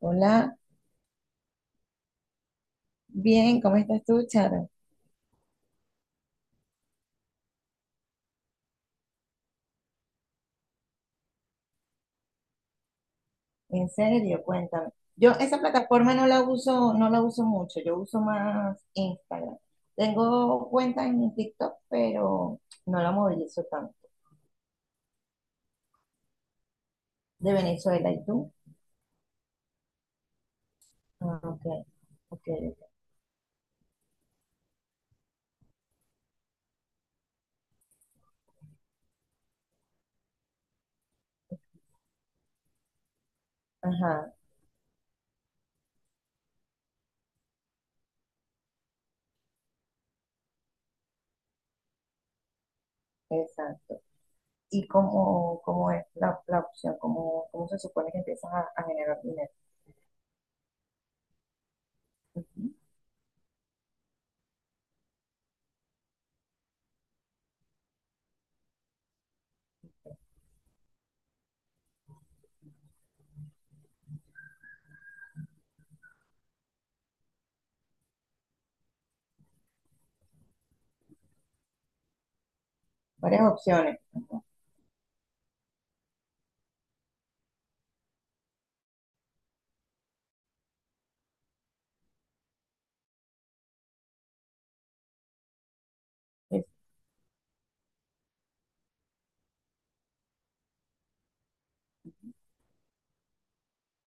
Hola, bien, ¿cómo estás tú, Charo? En serio, cuéntame. Yo esa plataforma no la uso, no la uso mucho, yo uso más Instagram. Tengo cuenta en TikTok, pero no la movilizo tanto. De Venezuela, ¿y tú? Ah, ok, ok. Ajá, exacto. ¿Y cómo es la opción? ¿Cómo se supone que empiezas a generar dinero? Varias opciones. Ajá. Es-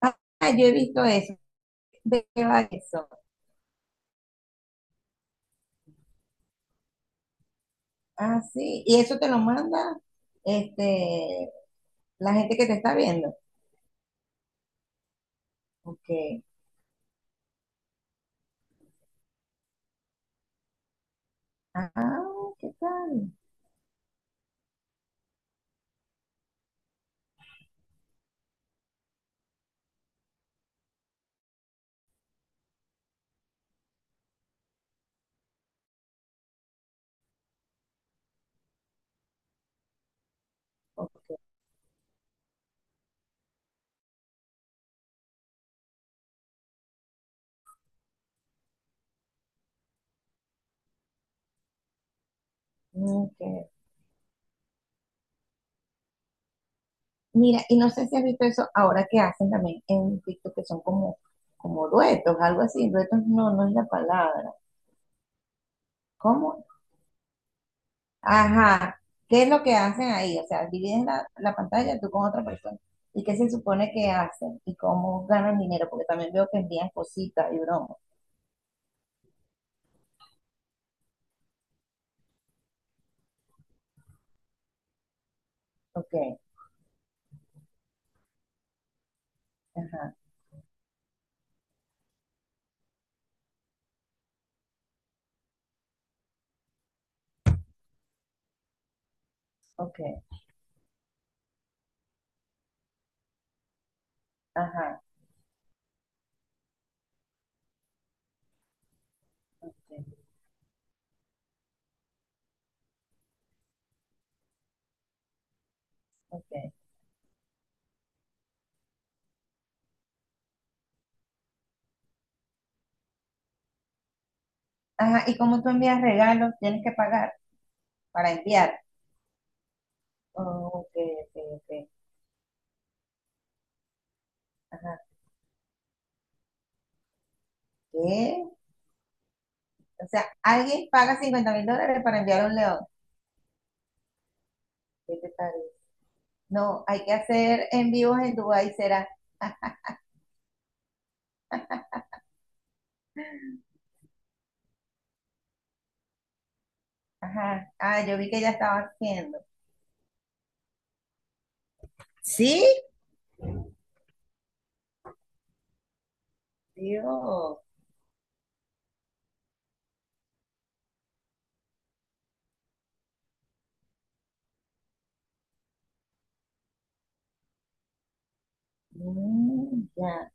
Ah, yo he visto eso, veo eso. Ah, sí. Y eso te lo manda este, la gente que te está viendo. Ok. Ah, ¿qué tal? Ok. Ok. Mira, y no sé si has visto eso ahora que hacen también en TikTok, que son como duetos, algo así. Duetos no, no es la palabra. ¿Cómo? Ajá. ¿Qué es lo que hacen ahí? O sea, dividen la pantalla tú con otra persona. ¿Y qué se supone que hacen? ¿Y cómo ganan dinero? Porque también veo que envían cositas y bromas. Ok. Ajá. Ok. Ajá. Ok, ok. Ajá, y como tú envías regalos, tienes que pagar para enviar. Oh, ok, ok, ok. Ajá, ¿qué? O sea, alguien paga $50.000 para enviar un león. ¿Qué te parece? No, hay que hacer en vivos en Dubái, será. Ajá, ah, yo vi que ya estaba haciendo. ¿Sí? Dios, mm, ya.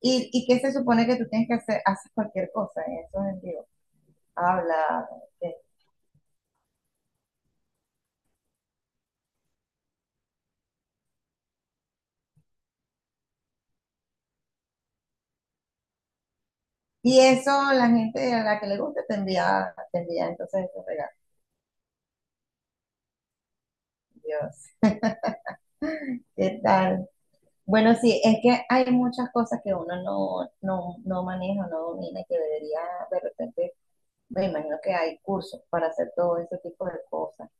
¿Y qué se supone que tú tienes que hacer? Haces cualquier cosa en esos en vivo. Habla. Ok. Y eso la gente a la que le gusta te envía entonces esos regalos. Dios, ¿qué tal? Bueno, sí, es que hay muchas cosas que uno no maneja, no domina, y que debería de repente, me imagino que hay cursos para hacer todo ese tipo de cosas.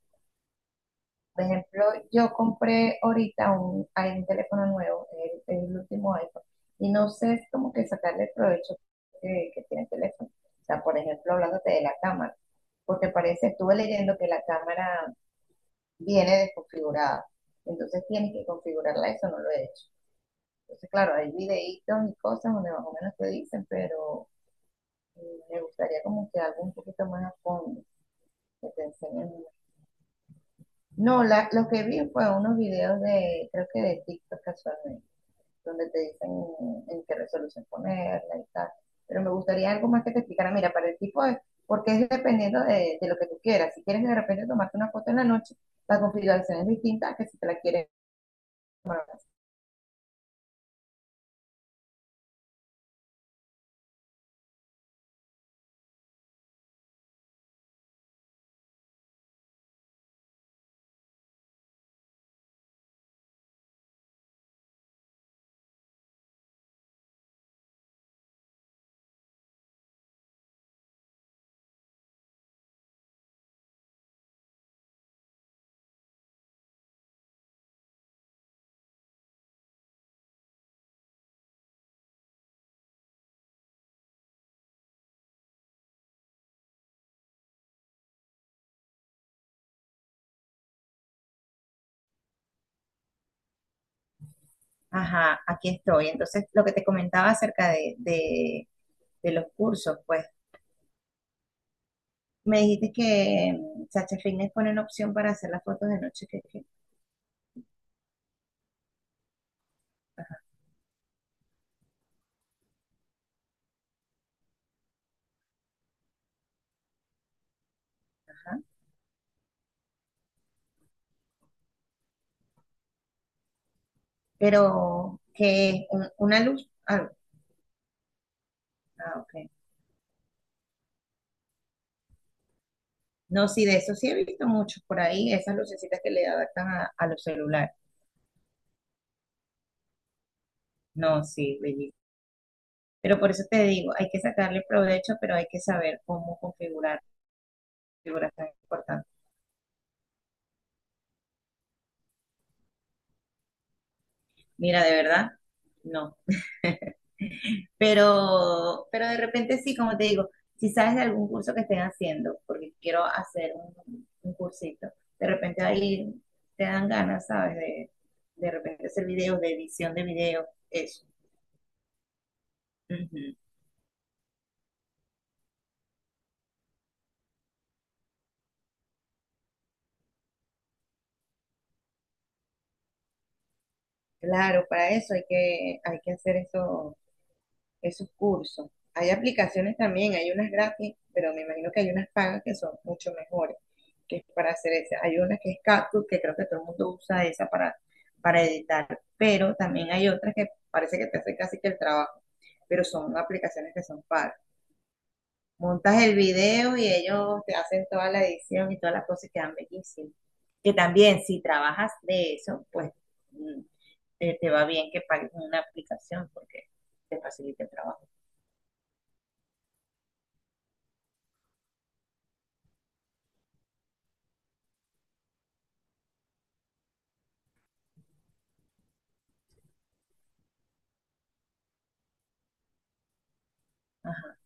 Por ejemplo, yo compré ahorita hay un teléfono nuevo, el último iPhone, y no sé como que sacarle el provecho que tiene el teléfono. O sea, por ejemplo, hablándote de la cámara, porque parece, estuve leyendo que la cámara viene desconfigurada, entonces tienes que configurarla, eso no lo he hecho. Entonces, claro, hay videitos y cosas donde más o menos te dicen, pero mm, me gustaría como que algo un poquito más a fondo, que te enseñen. No, lo que vi fue unos videos de, creo que de TikTok casualmente, donde te dicen en qué resolución ponerla y tal. Pero me gustaría algo más que te explicara, mira, para el tipo de, porque es dependiendo de lo que tú quieras. Si quieres de repente tomarte una foto en la noche, la configuración es distinta a que si te la quieres tomar. Ajá, aquí estoy. Entonces, lo que te comentaba acerca de los cursos, pues. Me dijiste que Sacha Fitness pone una opción para hacer las fotos de noche. Ajá. Ajá. Pero que es una luz. Ah, ok. No, sí, de eso sí he visto muchos por ahí, esas lucecitas que le adaptan a los celulares. No, sí, bellísimo. Pero por eso te digo, hay que sacarle provecho, pero hay que saber cómo configurar tan importante. Mira, de verdad, no. Pero de repente sí, como te digo, si sabes de algún curso que estén haciendo, porque quiero hacer un cursito, de repente ahí te dan ganas, ¿sabes? De repente hacer videos, de edición de videos, eso. Ujú. Claro, para eso hay que hacer eso, esos cursos. Hay aplicaciones también, hay unas gratis, pero me imagino que hay unas pagas que son mucho mejores, que es para hacer eso. Hay una que es CapCut que creo que todo el mundo usa esa para editar, pero también hay otras que parece que te hace casi que el trabajo, pero son aplicaciones que son pagas. Montas el video y ellos te hacen toda la edición y todas las cosas y quedan bellísimas. Que también si trabajas de eso, pues mm, te va bien que pagues una aplicación porque te facilita el trabajo. Ajá.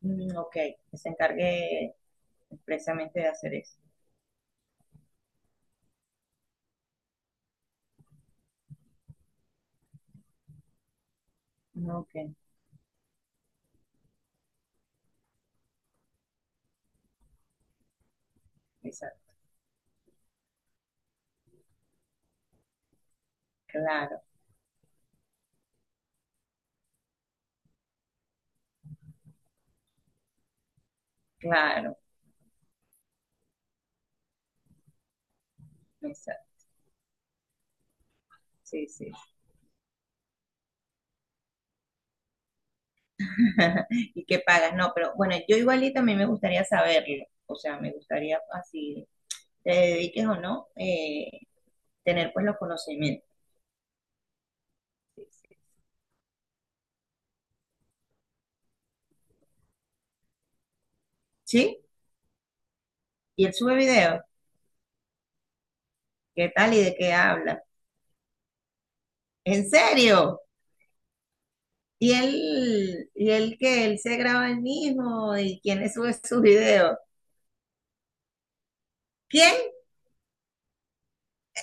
Mm, ok, que se encargue expresamente de hacer eso. Ok, exacto. Claro, claro, exacto. Sí, sí. ¿Y qué pagas? No, pero bueno, yo igualito a mí me gustaría saberlo. O sea, me gustaría así, te dediques o no, tener pues los conocimientos. Sí, sí. ¿Sí? Y él sube videos. ¿Qué tal y de qué habla? ¿En serio? ¿Y él que él se graba él mismo? ¿Y quién le sube sus videos? ¿Quién?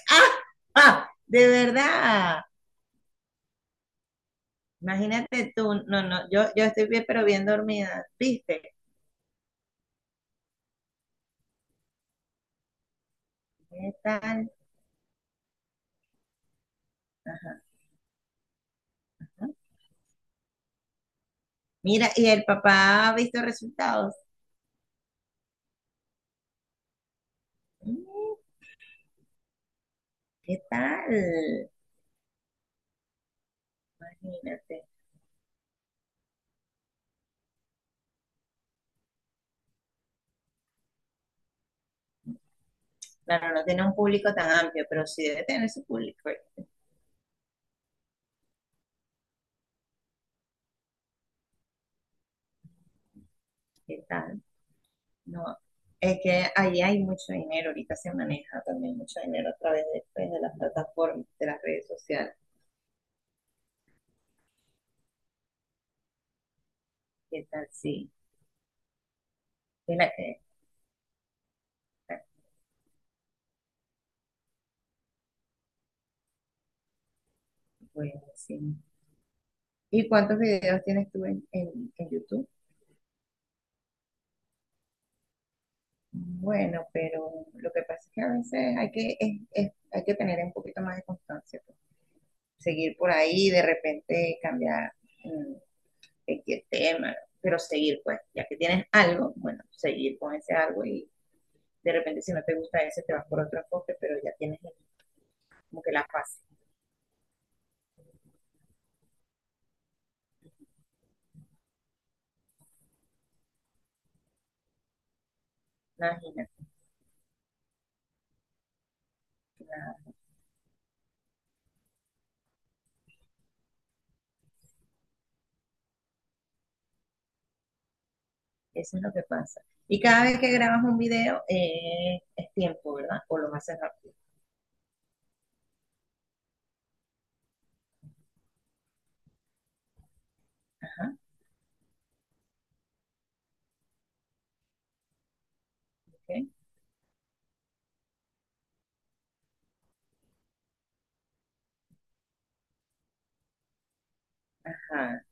¡Ah! De verdad. Imagínate tú, no, no, yo estoy bien, pero bien dormida, ¿viste? ¿Qué tal? Ajá. ¿No? Mira, y el papá ha visto resultados. Mm, ¿qué tal? Imagínate. Claro, no tiene un público tan amplio, pero sí debe tener su público. ¿Qué tal? No, es que ahí hay mucho dinero, ahorita se maneja también mucho dinero a través de, pues, de las plataformas, de las redes sociales. ¿Qué tal? Sí. Mira, bueno, sí. ¿Y cuántos videos tienes tú en YouTube? Bueno, pero lo que pasa es que a veces hay que tener un poquito más de constancia, pues. Seguir por ahí, y de repente cambiar mm, de qué tema, pero seguir, pues, ya que tienes algo, bueno, seguir con ese algo y de repente si no te gusta ese te vas por otro enfoque, pero ya tienes como que la fase. No, imagínate, nada, eso es lo que pasa. Y cada vez que grabas un video es tiempo, ¿verdad? O lo haces rápido. Ajá, ok. Ajá,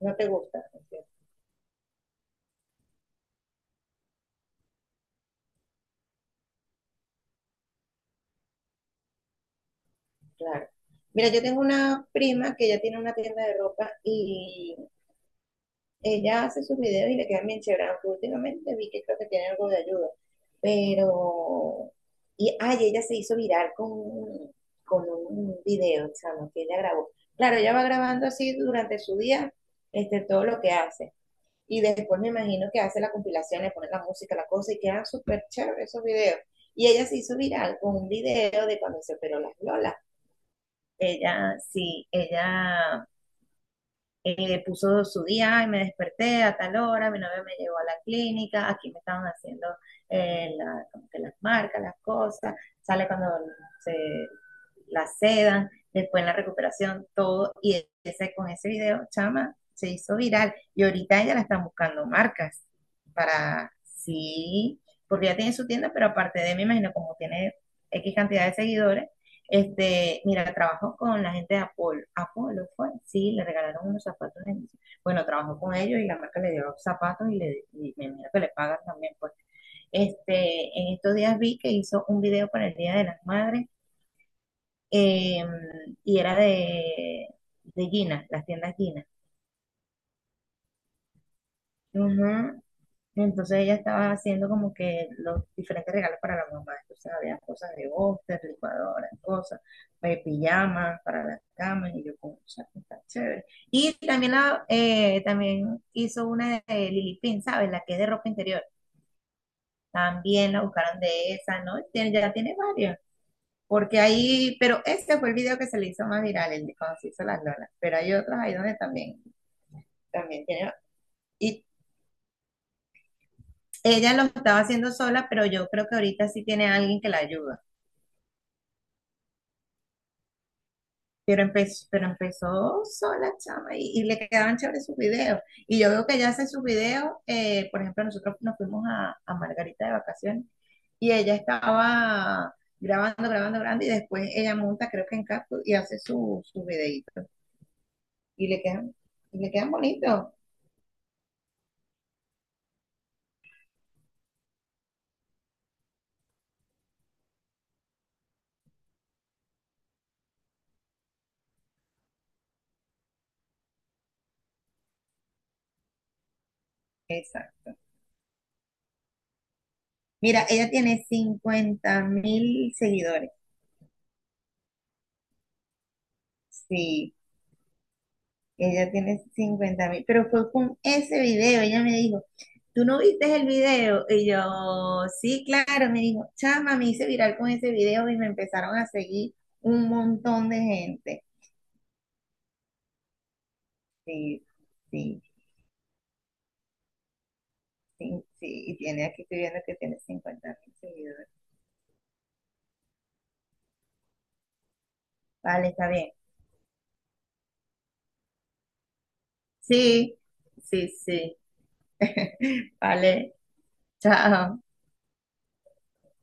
no te gusta. Claro. Mira, yo tengo una prima que ella tiene una tienda de ropa y ella hace sus videos y le quedan bien chéveres. Aunque últimamente vi que creo que tiene algo de ayuda. Pero, y ay, ella se hizo viral con un video, chamo, que ella grabó. Claro, ella va grabando así durante su día todo lo que hace. Y después me imagino que hace la compilación, le pone la música, la cosa, y quedan súper chéveres esos videos. Y ella se hizo viral con un video de cuando se operó las lolas. Ella, sí, ella puso su día y me desperté a tal hora, mi novio me llevó a la clínica, aquí me estaban haciendo como que las marcas, las cosas, sale cuando se la sedan, después en la recuperación, todo, y ese, con ese video, chama, se hizo viral, y ahorita ella la están buscando marcas para, sí, porque ya tiene su tienda, pero aparte de, me imagino, como tiene X cantidad de seguidores, mira, trabajo con la gente de Apolo. Apolo fue, sí, le regalaron unos zapatos. Bueno, trabajó con ellos y la marca le dio zapatos y me imagino que le pagan también. Pues. En estos días vi que hizo un video para el Día de las Madres eh, y era de Gina, las tiendas Gina. Ujú. Entonces ella estaba haciendo como que los diferentes regalos para la mamá. Entonces había cosas de boster, licuadoras, cosas, pijamas para la cama, y yo como, o sea, está chévere. Y también, también hizo una de Lily Pin, ¿sabes? La que es de ropa interior. También la buscaron de esa, ¿no? Ya tiene varias. Porque ahí, pero este fue el video que se le hizo más viral, el de cuando se hizo las lolas. Pero hay otros ahí donde también tiene. Y ella lo estaba haciendo sola, pero yo creo que ahorita sí tiene alguien que la ayuda. Pero empezó sola, chama, y le quedaban chéveres sus videos. Y yo veo que ella hace sus videos, por ejemplo, nosotros nos fuimos a Margarita de vacaciones y ella estaba grabando, grabando, grabando, y después ella monta, creo que en Capcom, y hace sus su videitos. Y le quedan, y le quedan bonitos. Exacto. Mira, ella tiene 50.000 seguidores. Sí, ella tiene 50 mil, pero fue con ese video, ella me dijo, ¿tú no viste el video? Y yo, sí, claro, me dijo, chama, me hice viral con ese video y me empezaron a seguir un montón de gente. Sí, sí, sí, sí, y tiene, aquí estoy viendo que tiene 50.000 seguidores. Vale, está bien. Sí, sí, sí, vale, chao.